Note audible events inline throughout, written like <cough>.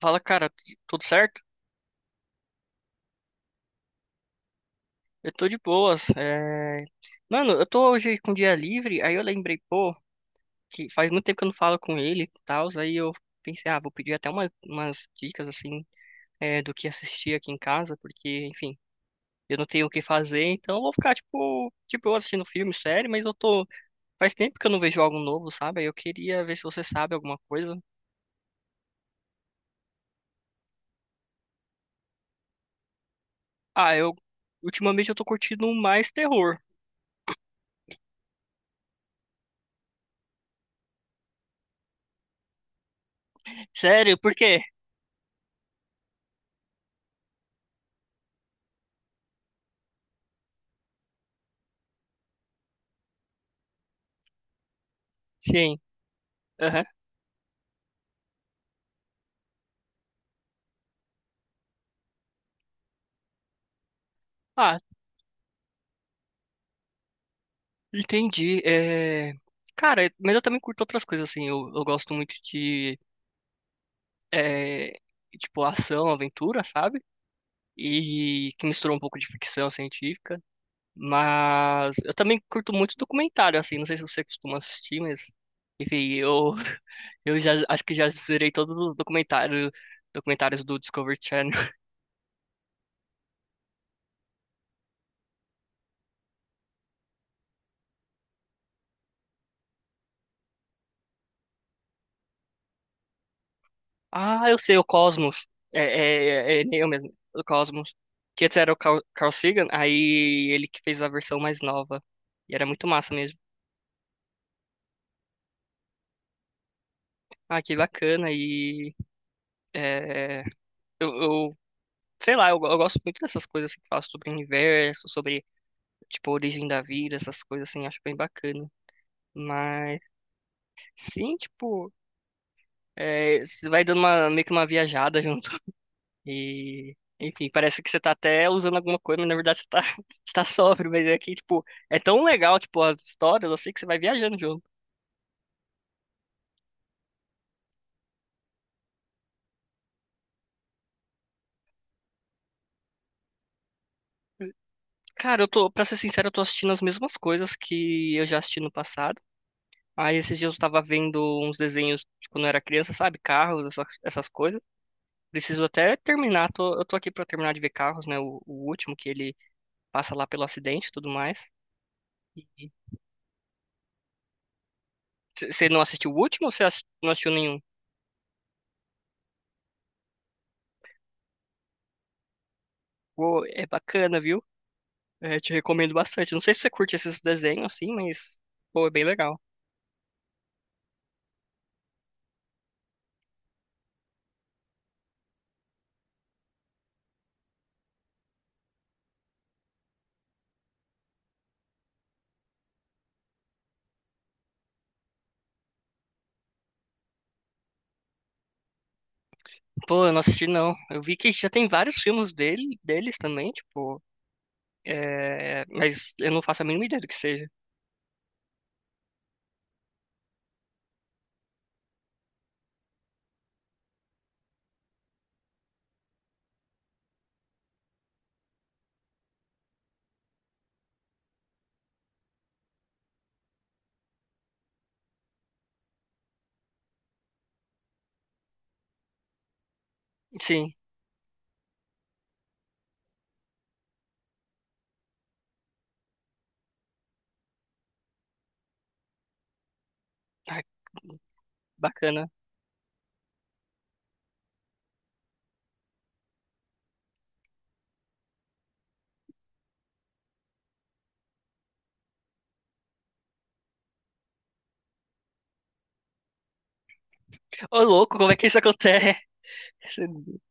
Fala, cara, tudo certo? Eu tô de boas. Mano, eu tô hoje com dia livre, aí eu lembrei, pô, que faz muito tempo que eu não falo com ele e tal, aí eu pensei, ah, vou pedir até umas dicas, assim, do que assistir aqui em casa, porque, enfim, eu não tenho o que fazer, então eu vou ficar, tipo, de boa assistindo filme, série, mas eu tô... Faz tempo que eu não vejo algo novo, sabe? Aí eu queria ver se você sabe alguma coisa. Ah, eu... Ultimamente eu tô curtindo mais terror. Sério, por quê? Sim. Aham. Ah, entendi. É... Cara, mas eu também curto outras coisas, assim. Eu gosto muito de, é, tipo, ação, aventura, sabe? E que mistura um pouco de ficção científica. Mas eu também curto muito documentário, assim. Não sei se você costuma assistir, mas... Enfim, eu, <laughs> eu já, acho que já zerei todos os documentários do Discovery Channel. Ah, eu sei, o Cosmos. É, é, é, é eu mesmo, o Cosmos. Que antes era o Carl Sagan, aí ele que fez a versão mais nova. E era muito massa mesmo. Ah, que bacana. E é, eu, eu- sei lá, eu gosto muito dessas coisas assim, que falam sobre o universo, sobre, tipo, a origem da vida, essas coisas assim, acho bem bacana. Mas, sim, tipo, é, você vai dando uma, meio que uma viajada <laughs> junto. E, enfim, parece que você tá até usando alguma coisa, mas na verdade você tá, <laughs> você tá sóbrio, mas é que, tipo, é tão legal, tipo, as histórias, eu sei que você vai viajando junto. Cara, eu tô, pra ser sincero, eu tô assistindo as mesmas coisas que eu já assisti no passado. Aí esses dias eu tava vendo uns desenhos de quando eu era criança, sabe? Carros, essas coisas. Preciso até terminar, eu tô aqui pra terminar de ver Carros, né? O último que ele passa lá pelo acidente e tudo mais. Você não assistiu o último ou você não assistiu nenhum? Pô, é bacana, viu? É, te recomendo bastante. Não sei se você curte esses desenhos, assim, mas, pô, é bem legal. Pô, eu não assisti, não. Eu vi que já tem vários filmes dele, deles também, tipo, é... mas eu não faço a mínima ideia do que seja. Sim. Ai, bacana. Ô, louco, como é que isso acontece? <laughs>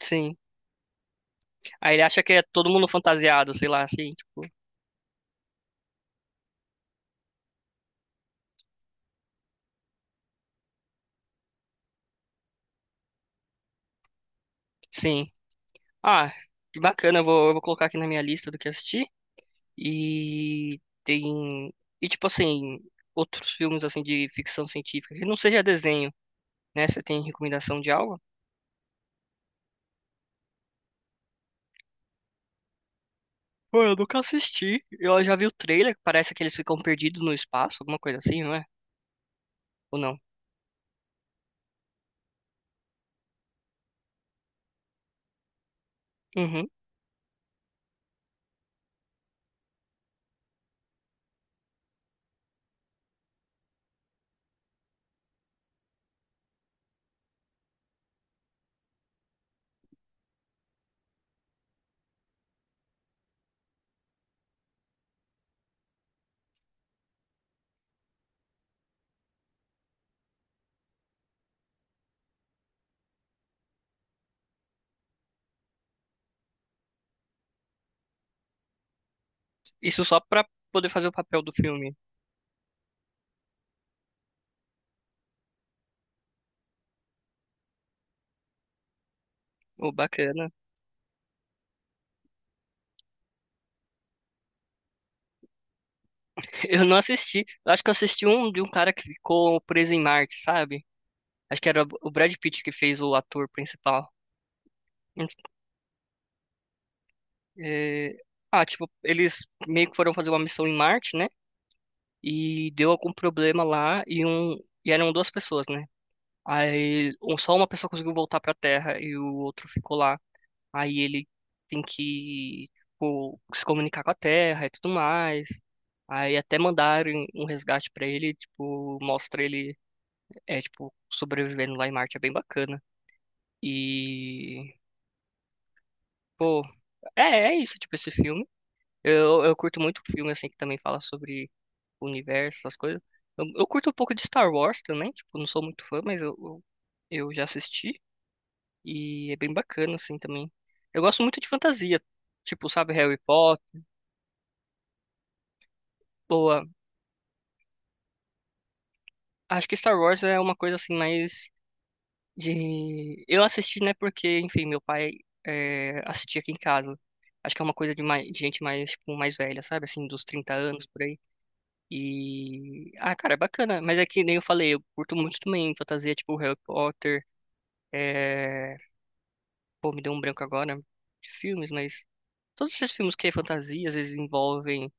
Sim. Aí ele acha que é todo mundo fantasiado, sei lá, assim, tipo, sim. Ah, que bacana, eu vou colocar aqui na minha lista do que assistir. E tem... E, tipo, assim, outros filmes, assim, de ficção científica, que não seja desenho, né? Você tem recomendação de algo? Pô, eu nunca assisti. Eu já vi o trailer, parece que eles ficam perdidos no espaço, alguma coisa assim, não é? Ou não? Uhum. Isso só pra poder fazer o papel do filme. Oh, bacana. <laughs> Eu não assisti. Eu acho que eu assisti um de um cara que ficou preso em Marte, sabe? Acho que era o Brad Pitt que fez o ator principal. Hum, É, ah, tipo, eles meio que foram fazer uma missão em Marte, né? E deu algum problema lá e um. E eram duas pessoas, né? Só uma pessoa conseguiu voltar pra Terra e o outro ficou lá. Aí ele tem que tipo, se comunicar com a Terra e tudo mais. Aí até mandaram um resgate pra ele, tipo, mostra ele é tipo sobrevivendo lá em Marte, é bem bacana. E pô, é, é isso, tipo esse filme. Eu curto muito filme assim que também fala sobre o universo, essas coisas. Eu curto um pouco de Star Wars também, tipo, não sou muito fã, mas eu já assisti. E é bem bacana, assim, também. Eu gosto muito de fantasia. Tipo, sabe, Harry Potter. Boa. Acho que Star Wars é uma coisa, assim, mais de... Eu assisti, né, porque, enfim, meu pai assistia aqui em casa. Acho que é uma coisa de, mais, de gente mais, tipo, mais velha, sabe? Assim, dos trinta anos, por aí. E... Ah, cara, é bacana. Mas é que nem eu falei, eu curto muito também fantasia, tipo, Harry Potter. É... Pô, me deu um branco agora de filmes, mas... Todos esses filmes que é fantasia, às vezes envolvem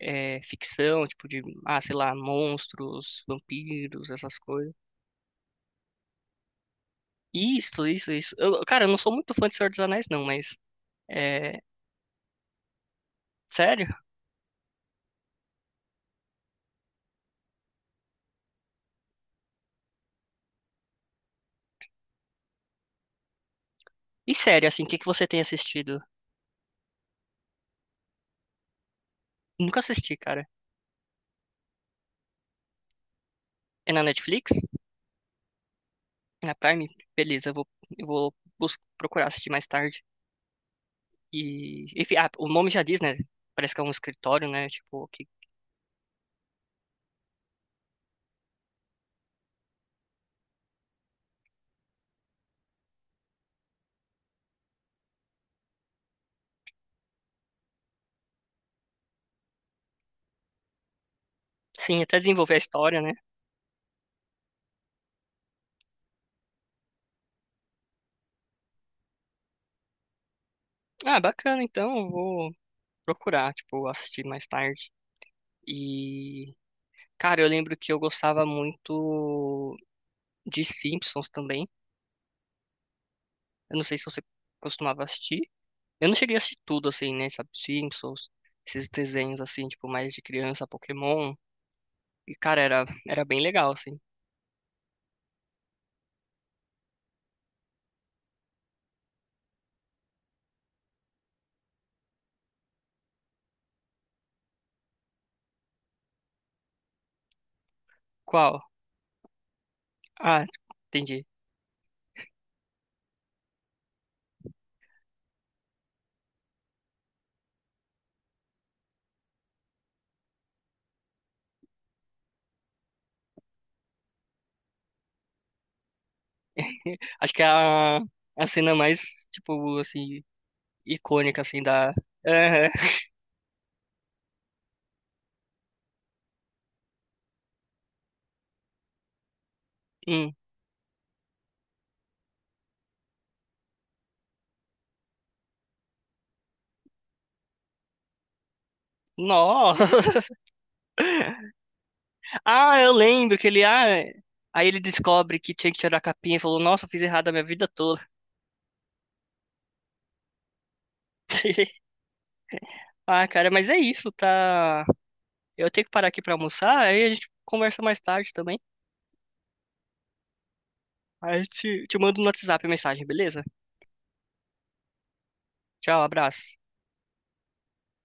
ficção, tipo de, ah, sei lá, monstros, vampiros, essas coisas. Isso, isso, isso. Cara, eu não sou muito fã de Senhor dos Anéis, não, mas é, sério? E sério, assim, o que que você tem assistido? Nunca assisti, cara. É na Netflix? É na Prime? Beleza, eu vou procurar assistir mais tarde. E, enfim, ah, o nome já diz, né? Parece que é um escritório, né? Tipo, que, sim, até desenvolver a história, né? Ah, bacana, então eu vou procurar, tipo, assistir mais tarde. E cara, eu lembro que eu gostava muito de Simpsons também. Eu não sei se você costumava assistir. Eu não cheguei a assistir tudo, assim, né? Sabe, Simpsons, esses desenhos, assim, tipo, mais de criança, Pokémon. E, cara, era bem legal, assim. Qual? Ah, entendi. Acho que é a cena mais, tipo, assim, icônica, assim, da... Aham. Hum. Nossa! <laughs> Ah, eu lembro que ele... Ah, aí ele descobre que tinha que tirar a capinha e falou, nossa, eu fiz errado a minha vida toda. <laughs> Ah, cara, mas é isso, tá? Eu tenho que parar aqui pra almoçar, aí a gente conversa mais tarde também. Aí eu te mando no WhatsApp a mensagem, beleza? Tchau, abraço.